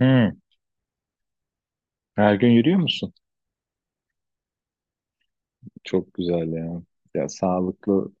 Hı, her gün yürüyor musun? Çok güzel ya. Ya sağlıklı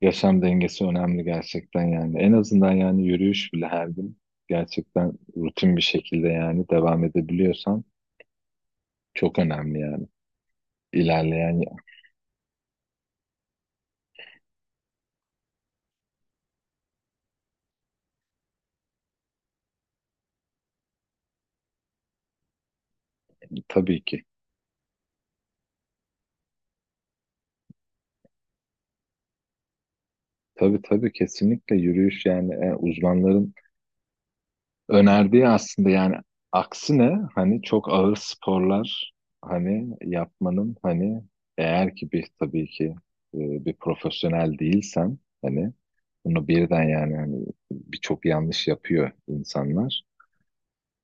yaşam dengesi önemli gerçekten yani. En azından yani yürüyüş bile her gün gerçekten rutin bir şekilde yani devam edebiliyorsan çok önemli yani. İlerleyen tabii ki. Tabii tabii kesinlikle yürüyüş yani uzmanların önerdiği aslında yani aksine hani çok ağır sporlar hani yapmanın hani eğer ki bir tabii ki e, bir profesyonel değilsen hani bunu birden yani hani birçok yanlış yapıyor insanlar.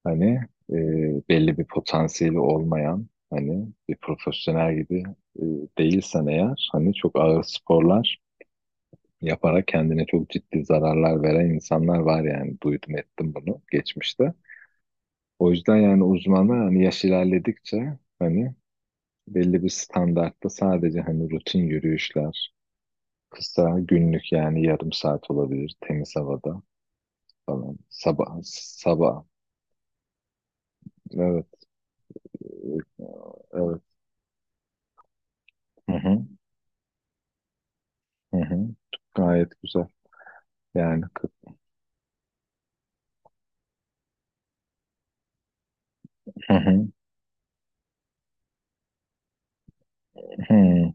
Hani e, belli bir potansiyeli olmayan hani bir profesyonel gibi e, değilsen eğer hani çok ağır sporlar yaparak kendine çok ciddi zararlar veren insanlar var yani duydum ettim bunu geçmişte. O yüzden yani uzmanlar hani yaş ilerledikçe hani belli bir standartta sadece hani rutin yürüyüşler, kısa günlük yani yarım saat olabilir temiz havada falan. Sabah, sabah. Evet, evet. Hı hı, hı hı. Gayet güzel. Yani hı hı, hı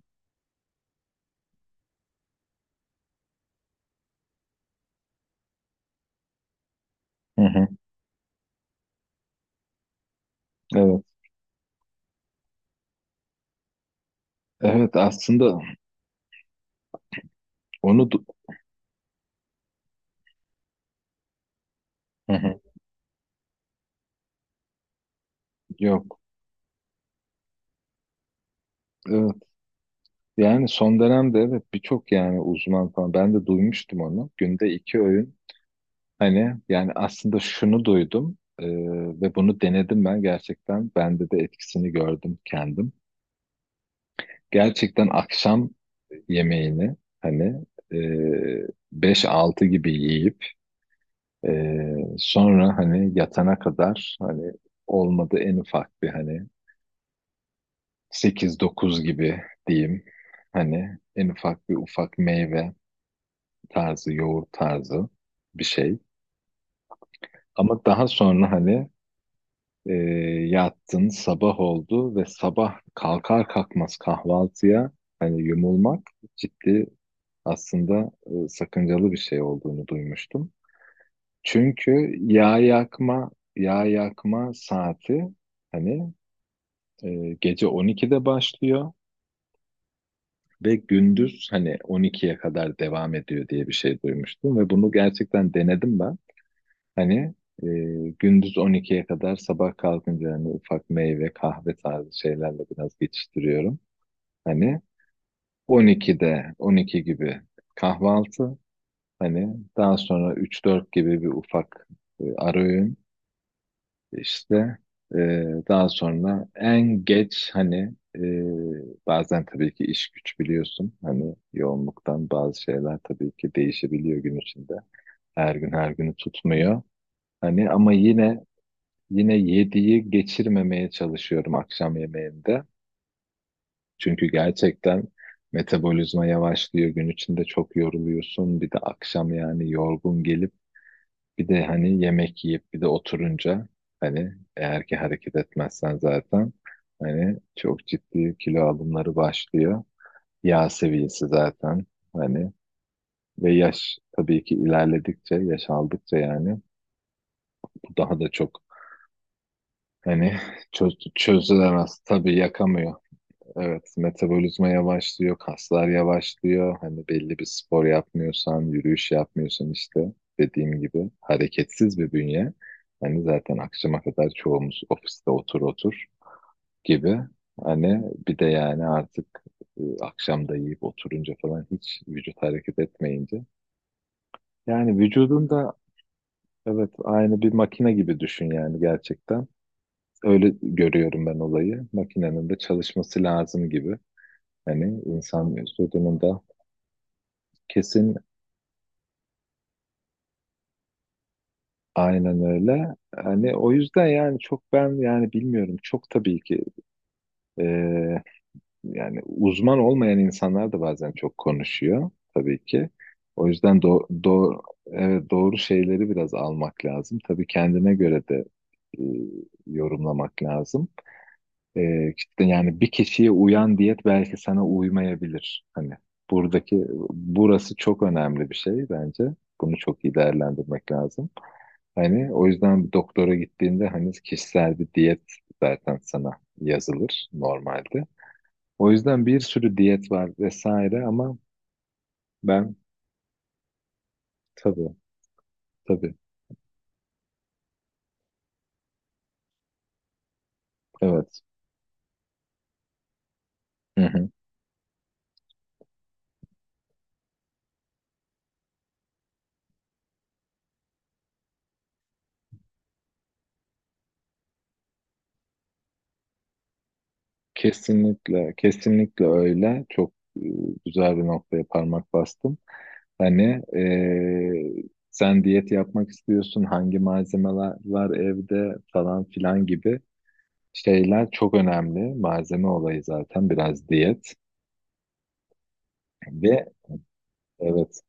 hı, hı. Evet. Evet aslında onu du- hı hı. Yok. Evet. Yani son dönemde evet birçok yani uzman falan ben de duymuştum onu. Günde iki öğün hani yani aslında şunu duydum ve bunu denedim ben gerçekten. Bende de etkisini gördüm kendim. Gerçekten akşam yemeğini hani e, 5-6 gibi yiyip e, sonra hani yatana kadar hani olmadı en ufak bir hani sekiz dokuz gibi diyeyim. Hani en ufak bir ufak meyve tarzı, yoğurt tarzı bir şey. Ama daha sonra hani E, yattın, sabah oldu ve sabah kalkar kalkmaz kahvaltıya hani yumulmak ciddi aslında sakıncalı bir şey olduğunu duymuştum. Çünkü yağ yakma saati hani gece 12'de başlıyor ve gündüz hani 12'ye kadar devam ediyor diye bir şey duymuştum ve bunu gerçekten denedim ben. Hani e, gündüz 12'ye kadar sabah kalkınca hani ufak meyve, kahve tarzı şeylerle biraz geçiştiriyorum. Hani 12'de 12 gibi kahvaltı. Hani daha sonra 3-4 gibi bir ufak ara öğün. İşte e, daha sonra en geç hani bazen tabii ki iş güç biliyorsun. Hani yoğunluktan bazı şeyler tabii ki değişebiliyor gün içinde. Her gün her günü tutmuyor. Hani ama yine yediği geçirmemeye çalışıyorum akşam yemeğinde. Çünkü gerçekten metabolizma yavaşlıyor. Gün içinde çok yoruluyorsun. Bir de akşam yani yorgun gelip bir de hani yemek yiyip bir de oturunca hani eğer ki hareket etmezsen zaten hani çok ciddi kilo alımları başlıyor. Yağ seviyesi zaten hani ve yaş tabii ki ilerledikçe, yaş aldıkça yani bu daha da çok hani çözülemez tabii yakamıyor. Evet, metabolizma yavaşlıyor, kaslar yavaşlıyor. Hani belli bir spor yapmıyorsan, yürüyüş yapmıyorsan işte dediğim gibi hareketsiz bir bünye. Hani zaten akşama kadar çoğumuz ofiste otur otur gibi. Hani bir de yani artık akşam da yiyip oturunca falan hiç vücut hareket etmeyince. Yani vücudun da evet aynı bir makine gibi düşün yani gerçekten. Öyle görüyorum ben olayı. Makinenin de çalışması lazım gibi. Hani insan vücudunun da kesin aynen öyle. Hani o yüzden yani çok ben yani bilmiyorum çok tabii ki e, yani uzman olmayan insanlar da bazen çok konuşuyor tabii ki. O yüzden do do evet, doğru şeyleri biraz almak lazım. Tabii kendine göre de e, yorumlamak lazım. İşte yani bir kişiye uyan diyet belki sana uymayabilir. Hani buradaki burası çok önemli bir şey bence. Bunu çok iyi değerlendirmek lazım. Hani o yüzden bir doktora gittiğinde hani kişisel bir diyet zaten sana yazılır normalde. O yüzden bir sürü diyet var vesaire ama ben tabii tabii evet. Hı hı. Kesinlikle kesinlikle öyle. Çok güzel bir noktaya parmak bastım. Hani sen diyet yapmak istiyorsun hangi malzemeler var evde falan filan gibi şeyler çok önemli. Malzeme olayı zaten biraz diyet ve evet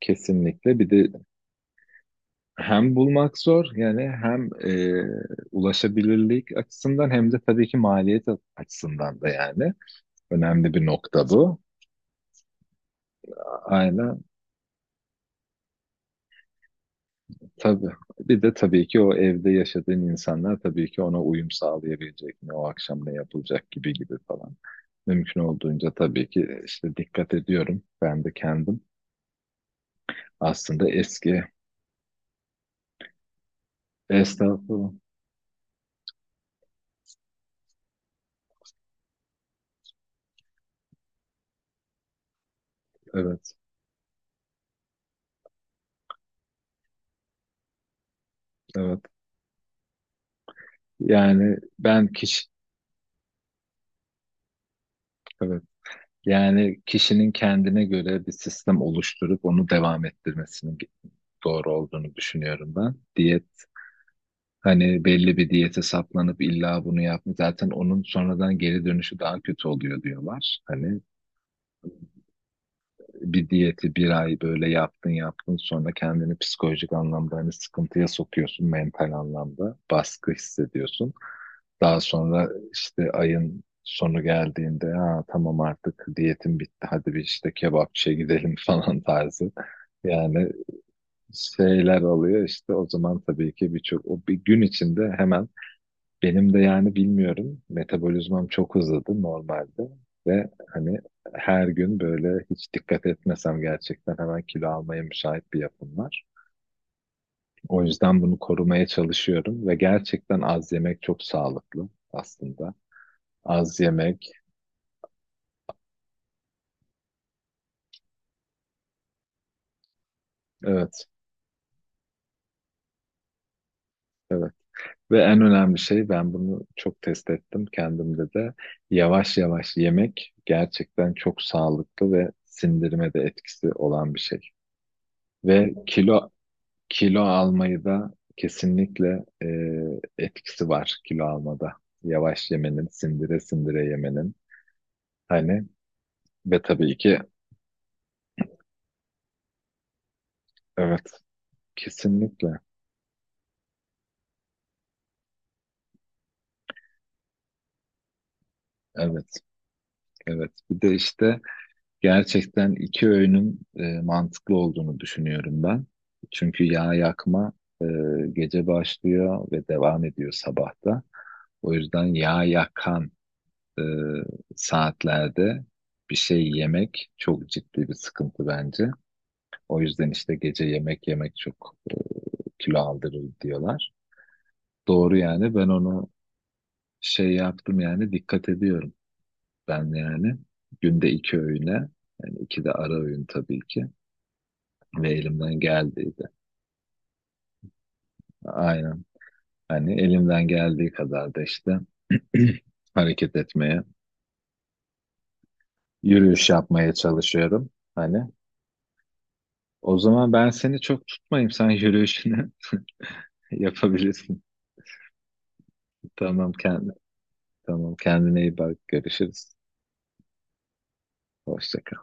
kesinlikle. Bir de hem bulmak zor yani hem ulaşabilirlik açısından hem de tabii ki maliyet açısından da yani önemli bir nokta bu. Aynen tabii. Bir de tabii ki o evde yaşadığın insanlar tabii ki ona uyum sağlayabilecek mi, o akşam ne yapılacak gibi gibi falan. Mümkün olduğunca tabii ki işte dikkat ediyorum. Ben de kendim aslında eski esnafım. Evet, evet. Yani ben kişi, evet. Yani kişinin kendine göre bir sistem oluşturup onu devam ettirmesinin doğru olduğunu düşünüyorum ben. Diyet hani belli bir diyete saplanıp illa bunu yapma zaten onun sonradan geri dönüşü daha kötü oluyor diyorlar. Hani bir diyeti bir ay böyle yaptın yaptın sonra kendini psikolojik anlamda hani sıkıntıya sokuyorsun mental anlamda baskı hissediyorsun. Daha sonra işte ayın sonu geldiğinde ha, tamam artık diyetim bitti hadi bir işte kebapçıya gidelim falan tarzı. Yani şeyler oluyor işte o zaman tabii ki birçok o bir gün içinde hemen benim de yani bilmiyorum metabolizmam çok hızlıydı normalde ve hani her gün böyle hiç dikkat etmesem gerçekten hemen kilo almaya müsait bir yapım var. O yüzden bunu korumaya çalışıyorum ve gerçekten az yemek çok sağlıklı aslında. Az yemek, evet, evet. Ve en önemli şey ben bunu çok test ettim kendimde de. Yavaş yavaş yemek gerçekten çok sağlıklı ve sindirime de etkisi olan bir şey. Ve kilo almayı da kesinlikle etkisi var kilo almada. Yavaş yemenin, sindire sindire yemenin. Hani ve tabii ki evet, kesinlikle. Evet, evet. Bir de işte gerçekten iki öğünün mantıklı olduğunu düşünüyorum ben. Çünkü yağ yakma e, gece başlıyor ve devam ediyor sabahta. O yüzden yağ yakan e, saatlerde bir şey yemek çok ciddi bir sıkıntı bence. O yüzden işte gece yemek yemek çok kilo aldırır diyorlar. Doğru yani ben onu şey yaptım yani dikkat ediyorum. Ben yani günde iki öğüne yani iki de ara öğün tabii ki. Ve elimden geldiydi. Aynen. Hani elimden geldiği kadar da işte hareket etmeye, yürüyüş yapmaya çalışıyorum. Hani o zaman ben seni çok tutmayayım. Sen yürüyüşünü yapabilirsin. Tamam kendi, tamam kendine iyi bak. Görüşürüz. Hoşça kal.